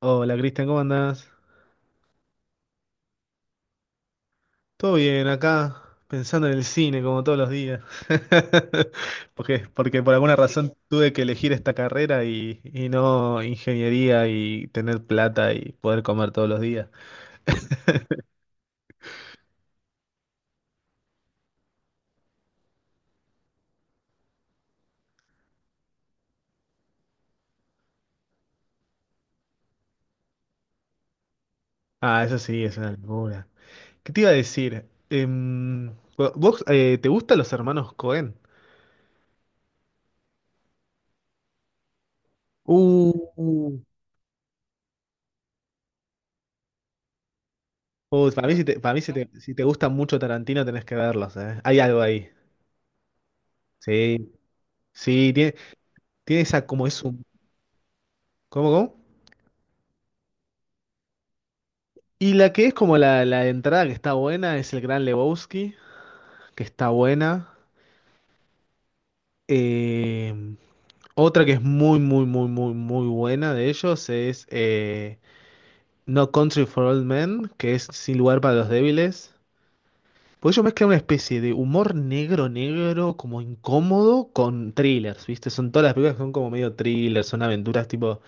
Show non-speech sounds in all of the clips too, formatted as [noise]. Hola Cristian, ¿cómo andás? Todo bien, acá pensando en el cine como todos los días. [laughs] Porque por alguna razón tuve que elegir esta carrera y no ingeniería y tener plata y poder comer todos los días. Ah, eso sí, es una locura. ¿Qué te iba a decir? ¿Vos te gustan los hermanos Cohen? Uh, uh, para mí, si te gusta mucho Tarantino tenés que verlos, ¿eh? Hay algo ahí. Sí, sí, tiene esa, como es un. ¿Cómo, cómo? Y la que es como la entrada que está buena es el Gran Lebowski, que está buena. Eh, Otra que es muy, muy, muy, muy, muy buena de ellos es No Country for Old Men, que es Sin lugar para los débiles. Pues ellos mezclan una especie de humor negro, negro, como incómodo, con thrillers, ¿viste? Son todas las películas que son como medio thrillers, son aventuras tipo,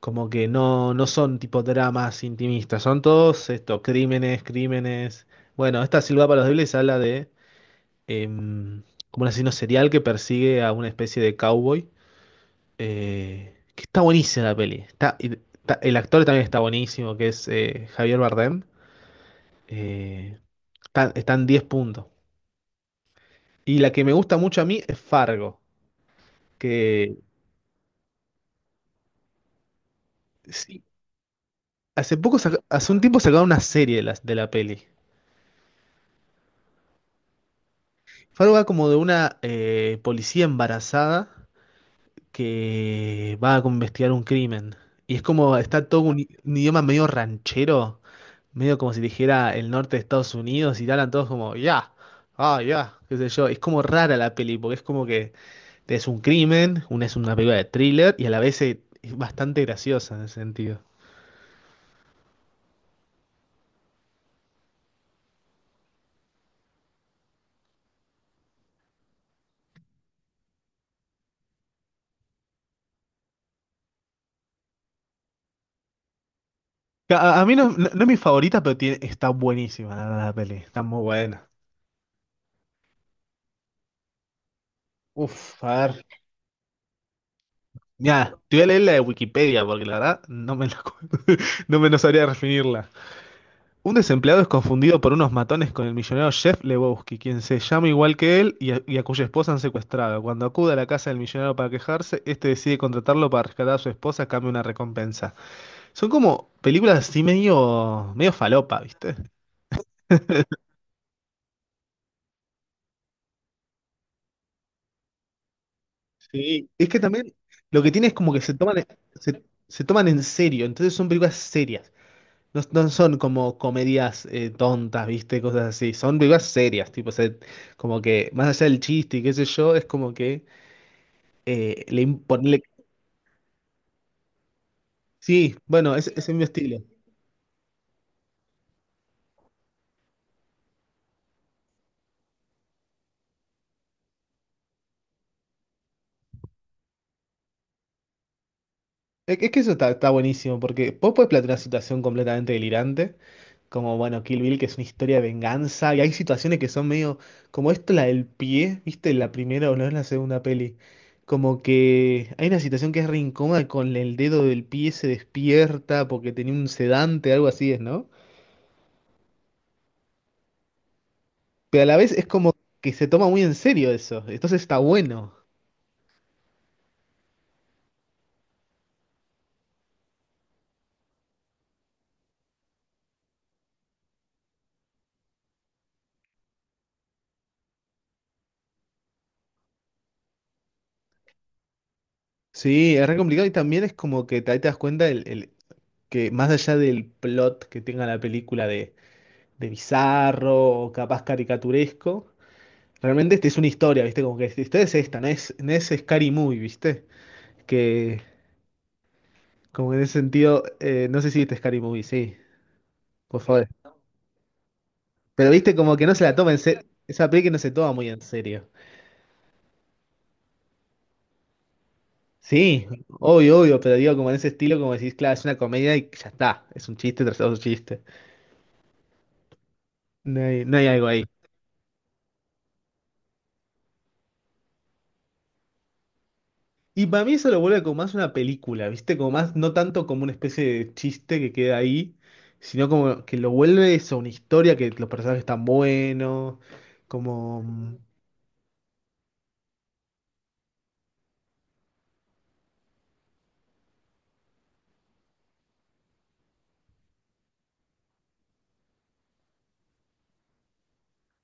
como que no son tipo dramas intimistas, son todos esto, crímenes, crímenes. Bueno, esta Silva para los débiles habla de em, como un asesino serial que persigue a una especie de cowboy. Que está buenísima la peli. El actor también está buenísimo, que es Javier Bardem. Eh, Están 10 puntos. Y la que me gusta mucho a mí es Fargo, que sí, hace poco, hace un tiempo sacaron una serie de la peli. Fargo va como de una policía embarazada que va a investigar un crimen. Y es como, está todo un idioma medio ranchero, medio como si dijera el norte de Estados Unidos, y te hablan todos como, ya, ah, ya, qué sé yo. Es como rara la peli, porque es como que es un crimen, una es una película de thriller, y a la vez es bastante graciosa en ese sentido. A mí no, no es mi favorita, pero está buenísima, verdad, la peli, está muy buena. Uf, a ver. Mira, te voy a leer la de Wikipedia porque la verdad no me la acuerdo. [laughs] No sabría definirla. Un desempleado es confundido por unos matones con el millonario Jeff Lebowski, quien se llama igual que él, y a cuya esposa han secuestrado. Cuando acude a la casa del millonario para quejarse, este decide contratarlo para rescatar a su esposa a cambio de una recompensa. Son como películas así medio, medio falopa, ¿viste? Sí, es que también lo que tiene es como que se toman en serio, entonces son películas serias. No son como comedias tontas, ¿viste? Cosas así. Son películas serias, tipo, como que más allá del chiste y qué sé yo, es como que Eh, le im- ponerle- Sí, bueno, ese es mi estilo. Es que eso está buenísimo, porque vos podés plantear una situación completamente delirante, como, bueno, Kill Bill, que es una historia de venganza, y hay situaciones que son medio, como esto, la del pie, ¿viste? La primera o no, es la segunda peli. Como que hay una situación que es re incómoda, con el dedo del pie se despierta porque tenía un sedante, algo así es, ¿no? Pero a la vez es como que se toma muy en serio eso, entonces está bueno. Sí, es re complicado, y también es como que ahí te das cuenta que más allá del plot que tenga la película de bizarro o capaz caricaturesco, realmente esta es una historia, ¿viste? Como que esta historia es esta, no es Scary Movie, ¿viste? Que como que en ese sentido, no sé si viste Scary Movie, sí, por favor. Pero viste como que no se la toma en serio, esa película no se toma muy en serio. Sí, obvio, obvio, pero digo como en ese estilo, como decís, claro, es una comedia y ya está, es un chiste tras otro chiste. No hay algo ahí. Y para mí eso lo vuelve como más una película, ¿viste? Como más, no tanto como una especie de chiste que queda ahí, sino como que lo vuelve eso, una historia, que los personajes están buenos, como.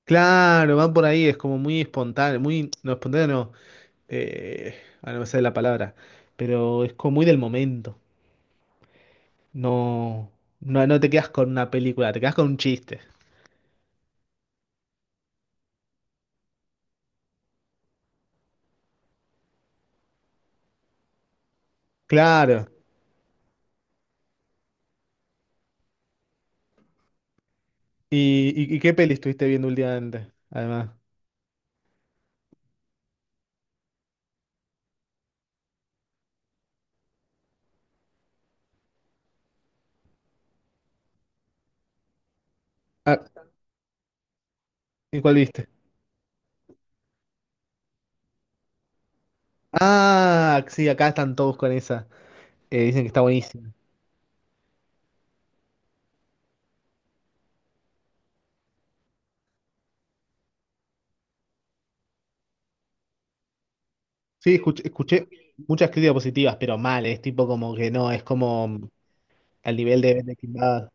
Claro, van por ahí, es como muy espontáneo, muy. No, espontáneo no, eh, ah, no me sale la palabra, pero es como muy del momento. No, no, no te quedas con una película, te quedas con un chiste. Claro. ¿Y qué peli estuviste viendo últimamente? Además. Ah, ¿y cuál viste? Ah, sí, acá están todos con esa. Dicen que está buenísima. Sí, escuché muchas críticas positivas, pero mal, es tipo como que no, es como al nivel de Breaking Bad.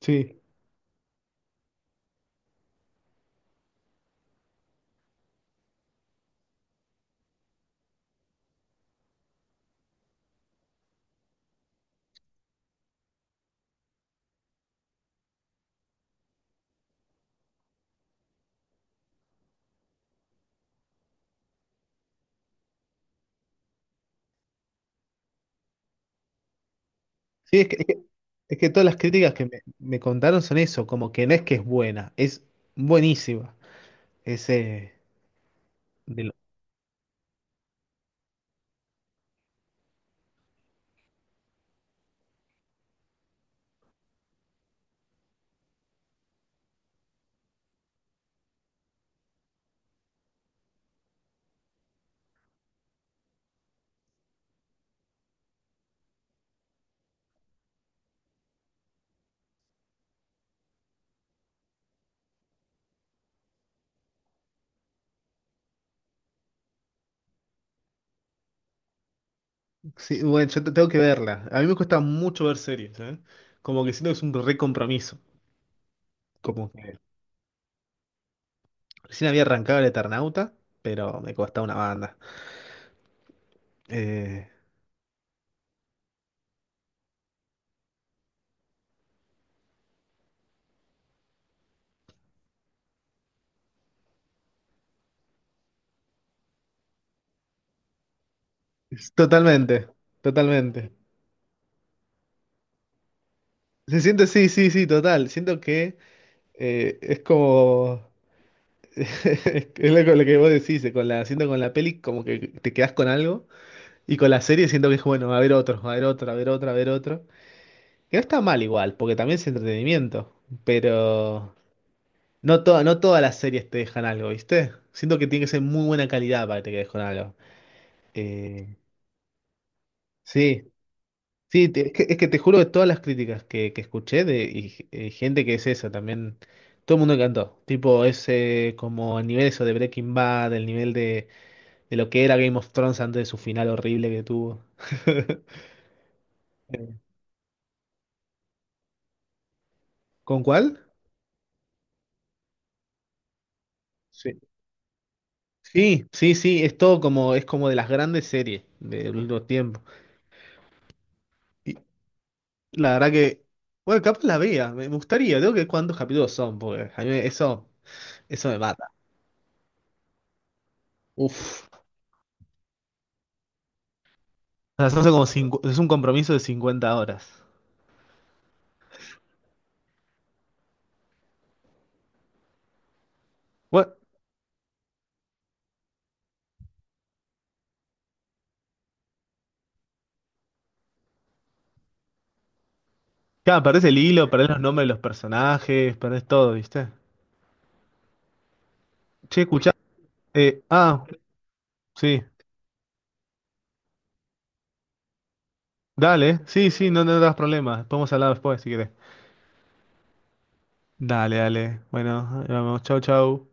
Sí, sí, es que todas las críticas que me contaron son eso, como que no es que es buena, es buenísima. Es, eh, de lo- sí, bueno, tengo que verla. A mí me cuesta mucho ver series, ¿eh? Como que siento que es un re compromiso. Como que recién había arrancado el Eternauta, pero me cuesta una banda. Eh, Totalmente, totalmente. Se siente, sí, sí, sí, total. Siento que es como, [laughs] es lo que vos decís, siento con la peli como que te quedás con algo, y con la serie siento que es bueno, a ver otro, a ver otro, a ver otro, a ver otro. Que no está mal igual, porque también es entretenimiento, pero no todas las series te dejan algo, ¿viste? Siento que tiene que ser muy buena calidad para que te quedes con algo. Eh, sí, sí, es que te juro, de todas las críticas que escuché gente, que es eso también, todo el mundo encantó. Tipo, es como el nivel, eso de Breaking Bad, el nivel de lo que era Game of Thrones antes de su final horrible que tuvo. [laughs] Eh, ¿Con cuál? Sí. Sí, sí, sí, es todo como, es como de las grandes series del último tiempo. Y la verdad que, bueno, capaz la vea, me gustaría, tengo que ver cuántos capítulos son, porque a mí eso me mata. Uf. O sea, son como es un compromiso de 50 horas. Bueno, claro, perdés el hilo, perdés los nombres de los personajes, perdés todo, ¿viste? Che, escuchá. Ah, sí. Dale, sí, sí, no, no das problemas. Podemos hablar después si querés. Dale, dale. Bueno, ahí vamos, chau, chau.